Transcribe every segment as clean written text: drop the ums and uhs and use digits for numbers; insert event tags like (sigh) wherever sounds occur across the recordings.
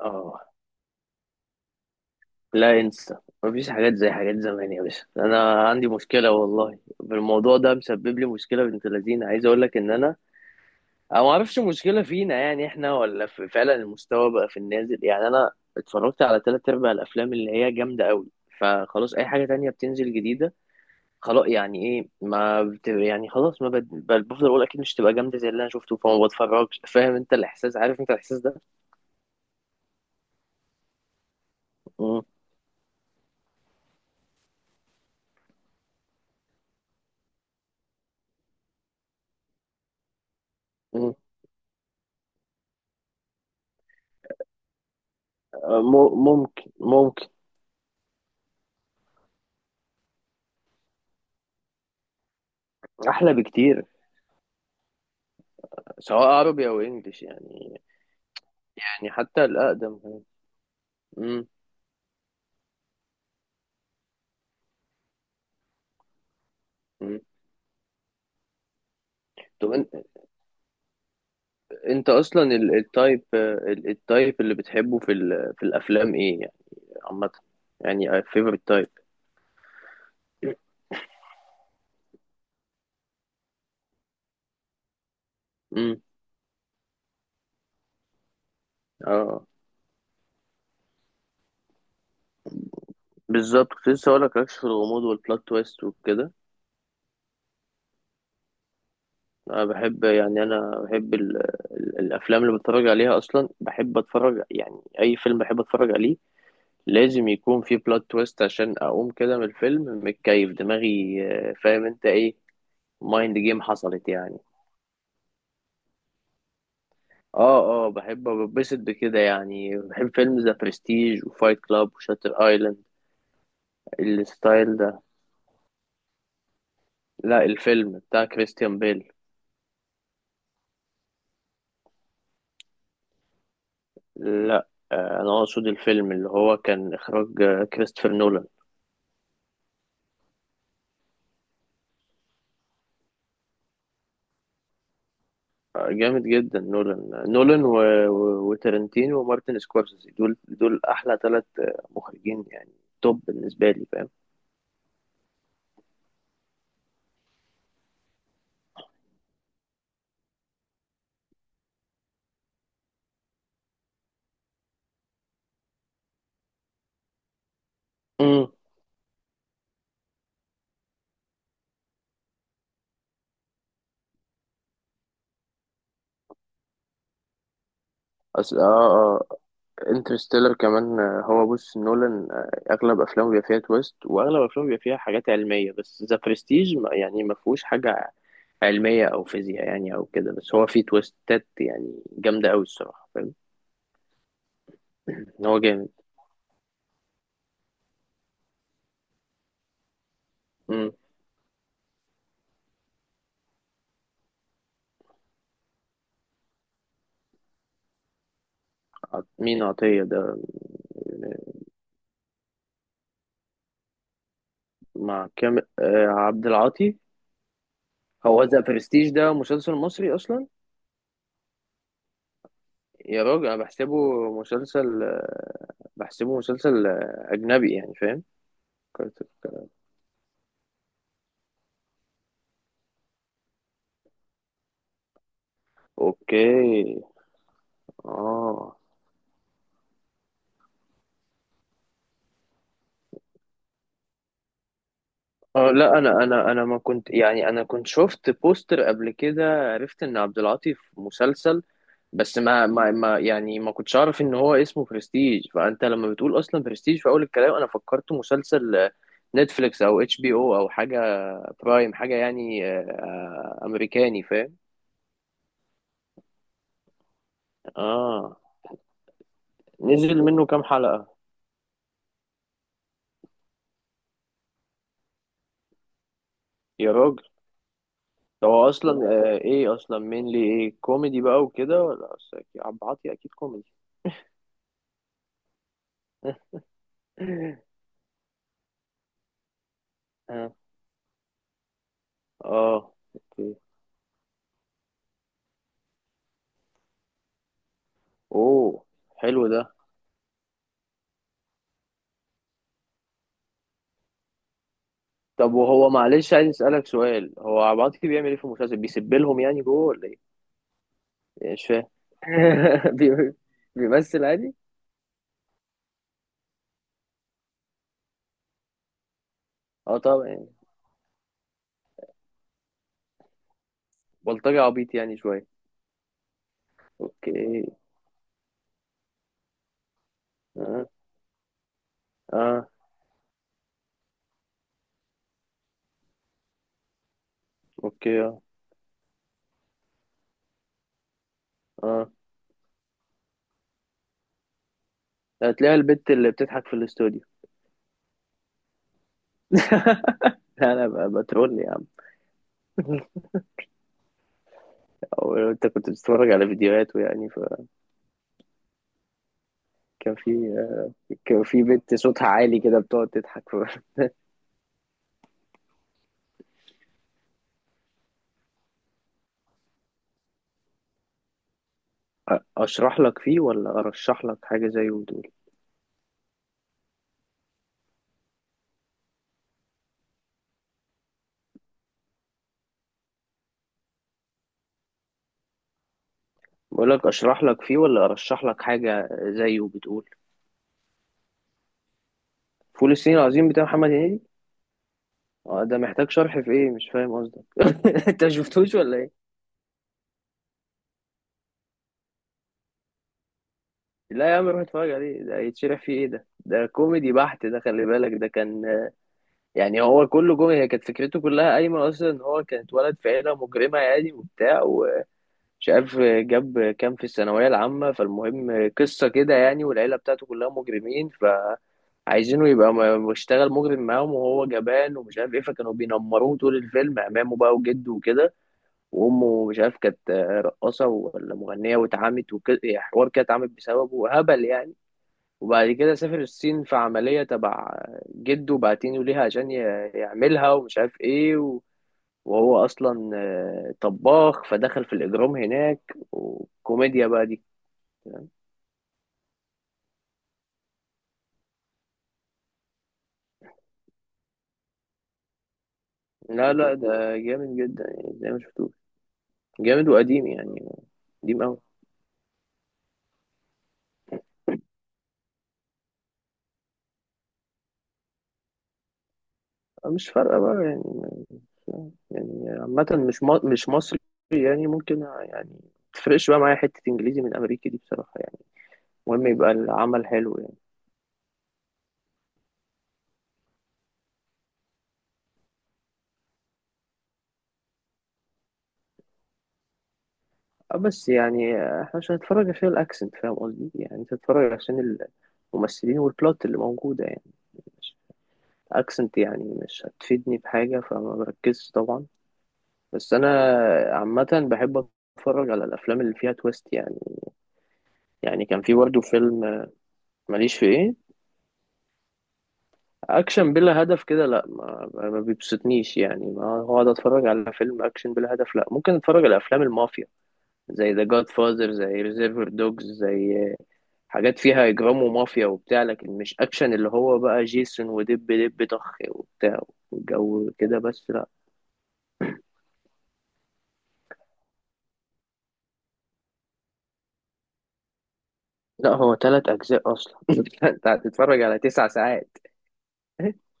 اه. لا انسى. مفيش حاجات زي حاجات زمان يا باشا. انا عندي مشكله والله، بالموضوع ده مسبب لي مشكله بنت لذينه، عايز اقول لك ان انا ما اعرفش المشكله فينا، يعني احنا ولا في فعلا المستوى بقى في النازل؟ يعني انا اتفرجت على تلات ارباع الافلام اللي هي جامده قوي، فخلاص اي حاجه تانية بتنزل جديده خلاص يعني ايه، ما بت... يعني خلاص ما بد... بل- بفضل اقول اكيد مش تبقى جامده زي اللي انا شفته فما بتفرجش. فاهم انت الاحساس؟ عارف انت الاحساس ده. مم. مم. ممكن. احلى بكتير، سواء عربي او انجليش يعني. يعني حتى الاقدم هو. امم أمم. طب انت اصلا التايب، التايب اللي بتحبه في في الافلام ايه يعني؟ عامه، يعني فيفرت تايب. امم اه بالظبط، كنت لسه هقول لك ركش في الغموض والبلوت تويست وكده. انا بحب، يعني انا بحب ال ال الافلام اللي بتفرج عليها اصلا، بحب اتفرج يعني اي فيلم بحب اتفرج عليه لازم يكون فيه بلوت تويست عشان اقوم كده من الفيلم متكيف دماغي. فاهم انت ايه؟ مايند جيم حصلت يعني. اه اه، بحب ببسط بكده يعني، بحب فيلم ذا برستيج وفايت كلاب وشاتر ايلاند، الستايل ده. لا، الفيلم بتاع كريستيان بيل. لا انا اقصد الفيلم اللي هو كان اخراج كريستوفر نولان. جامد جدا نولان، نولان و... و... وترنتينو ومارتن سكورسيزي، دول احلى ثلاث مخرجين يعني، توب بالنسبه لي. فاهم؟ امم اه اه. انترستيلر كمان هو بص، نولان اغلب افلامه بيبقى فيها تويست، واغلب افلامه بيبقى فيها حاجات علميه، بس ذا برستيج يعني ما فيهوش حاجه علميه او فيزياء يعني او كده، بس هو فيه تويستات يعني جامده قوي الصراحه. فاهم؟ إن هو جامد. مم. مين عطيه ده؟ يعني مع كام، عبد العاطي. هو ذا برستيج ده مسلسل مصري اصلا؟ يا راجل انا بحسبه مسلسل بحسبه مسلسل اجنبي يعني. فاهم؟ اوكي. اه اه. لا انا ما كنت، يعني انا كنت شفت بوستر قبل كده عرفت ان عبد العاطي في مسلسل، بس ما يعني ما كنتش اعرف ان هو اسمه برستيج. فانت لما بتقول اصلا برستيج في اول الكلام انا فكرت مسلسل نتفليكس او HBO، حاجه، برايم حاجه يعني. امريكاني. فاهم؟ اه. نزل منه كام حلقه؟ يا راجل ده هو اصلا آه، ايه اصلا مين ايه كوميدي بقى وكده ولا عبد العاطي اكيد كوميدي. (laughs) اه. اوكي. اوه، حلو ده. طب وهو، معلش، عايز اسالك سؤال، هو عبعاطي بيعمل ايه في المسلسل؟ بيسب لهم يعني جوه ولا ايه؟ يعني مش فاهم. (laughs) بي- بيمثل عادي. اه طبعا يعني. بلطجي عبيط يعني شويه. اوكي. اه اه. اوكي. اه اه. هتلاقي البت اللي بتضحك في الاستوديو. (laughs) لا، بترول يا عم. (laughs) او انت كنت بتتفرج على فيديوهاته يعني؟ فكان في، كان في بنت صوتها عالي كده بتقعد تضحك. (laughs) ف- اشرح لك فيه ولا ارشح لك حاجه زيه وتقول؟ بقولك اشرح لك فيه ولا ارشح لك حاجه زيه بتقول. فول الصين العظيم بتاع محمد هنيدي؟ ده محتاج شرح في ايه؟ مش فاهم قصدك. (laughs) انت مشفتوش ولا ايه؟ لا يا عم روح اتفرج عليه، ده يتشرح فيه ايه؟ ده ده كوميدي بحت، ده خلي بالك ده كان، يعني هو كله كوميدي. هي كانت فكرته كلها قايمه اصلا ان هو كان اتولد في عيله مجرمه يعني، وبتاع، ومش عارف جاب كام في الثانويه العامه، فالمهم قصه كده يعني، والعيله بتاعته كلها مجرمين عايزينه يبقى بيشتغل مجرم معاهم، وهو جبان ومش عارف ايه، فكانوا بينمروه طول الفيلم، امامه بقى وجده وكده، وامه مش عارف كانت رقاصه ولا مغنيه، واتعمت وكده يعني، حوار كده اتعمت بسببه هبل يعني، وبعد كده سافر الصين في عمليه تبع جده بعتينه ليها عشان يعملها، ومش عارف ايه، و- وهو اصلا طباخ، فدخل في الاجرام هناك وكوميديا بقى دي. لا لا ده جامد جدا يعني، زي ما شفتوه جامد وقديم يعني. قديم. مش فارقة بقى يعني، يعني عامة مش مش مصري يعني ممكن يعني، متفرقش بقى معايا حتة إنجليزي من أمريكي دي بصراحة يعني، المهم يبقى العمل حلو يعني. أه بس يعني إحنا مش هنتفرج عشان الأكسنت. فاهم قصدي يعني؟ أنت هتتفرج عشان الممثلين والبلوت اللي موجودة يعني، مش أكسنت يعني مش هتفيدني بحاجة فما بركزش طبعا. بس أنا عامة بحب أتفرج على الأفلام اللي فيها تويست يعني. يعني كان في برضه فيلم. ماليش في إيه؟ اكشن بلا هدف كده لا، ما بيبسطنيش يعني، ما هو اقعد اتفرج على فيلم اكشن بلا هدف؟ لا، ممكن اتفرج على افلام المافيا زي ذا جاد فازر، زي ريزيرفر دوجز، زي حاجات فيها اجرام ومافيا وبتاع، لكن مش اكشن اللي هو بقى جيسون ودب دب طخ وبتاع وجو كده، بس لا. لا هو ثلاث اجزاء اصلا، (laughs) انت هتتفرج على 9 ساعات. (laughs)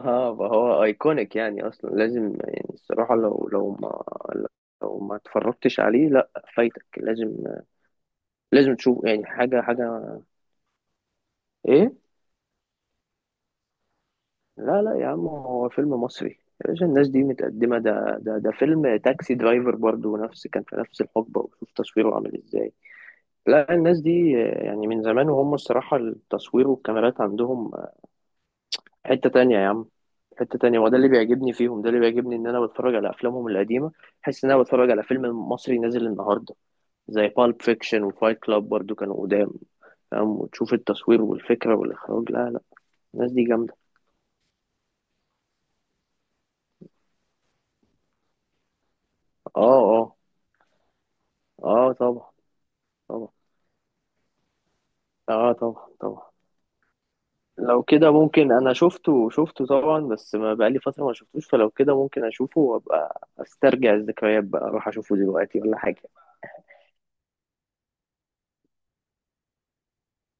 اه فهو ايكونيك يعني، اصلا لازم يعني الصراحه لو ما اتفرجتش عليه لا، فايتك. لازم، لازم تشوف يعني حاجة. حاجة إيه؟ لا لا يا عم هو فيلم مصري يا باشا، الناس دي متقدمة، ده فيلم تاكسي درايفر برضو نفس، كان في نفس الحقبة، وشوف تصويره عامل إزاي. لا الناس دي يعني من زمان وهم الصراحة التصوير والكاميرات عندهم حتة تانية يا عم، حتة تانية. وده اللي بيعجبني فيهم، ده اللي بيعجبني إن أنا بتفرج على أفلامهم القديمة بحس إن أنا بتفرج على فيلم مصري نازل النهاردة. زي بالب فيكشن وفايت كلاب برضو، كانوا قدام. فاهم؟ وتشوف التصوير والفكرة والإخراج، لا لا، الناس دي جامدة. اه اه. اه طبعا طبعا. اه طبعا طبعا. لو كده ممكن، انا شفته شفته طبعا بس ما بقالي فترة ما شفتوش، فلو كده ممكن اشوفه وابقى استرجع الذكريات بقى، اروح اشوفه دلوقتي ولا حاجة؟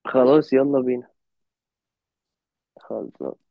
خلاص يلا بينا. خلاص.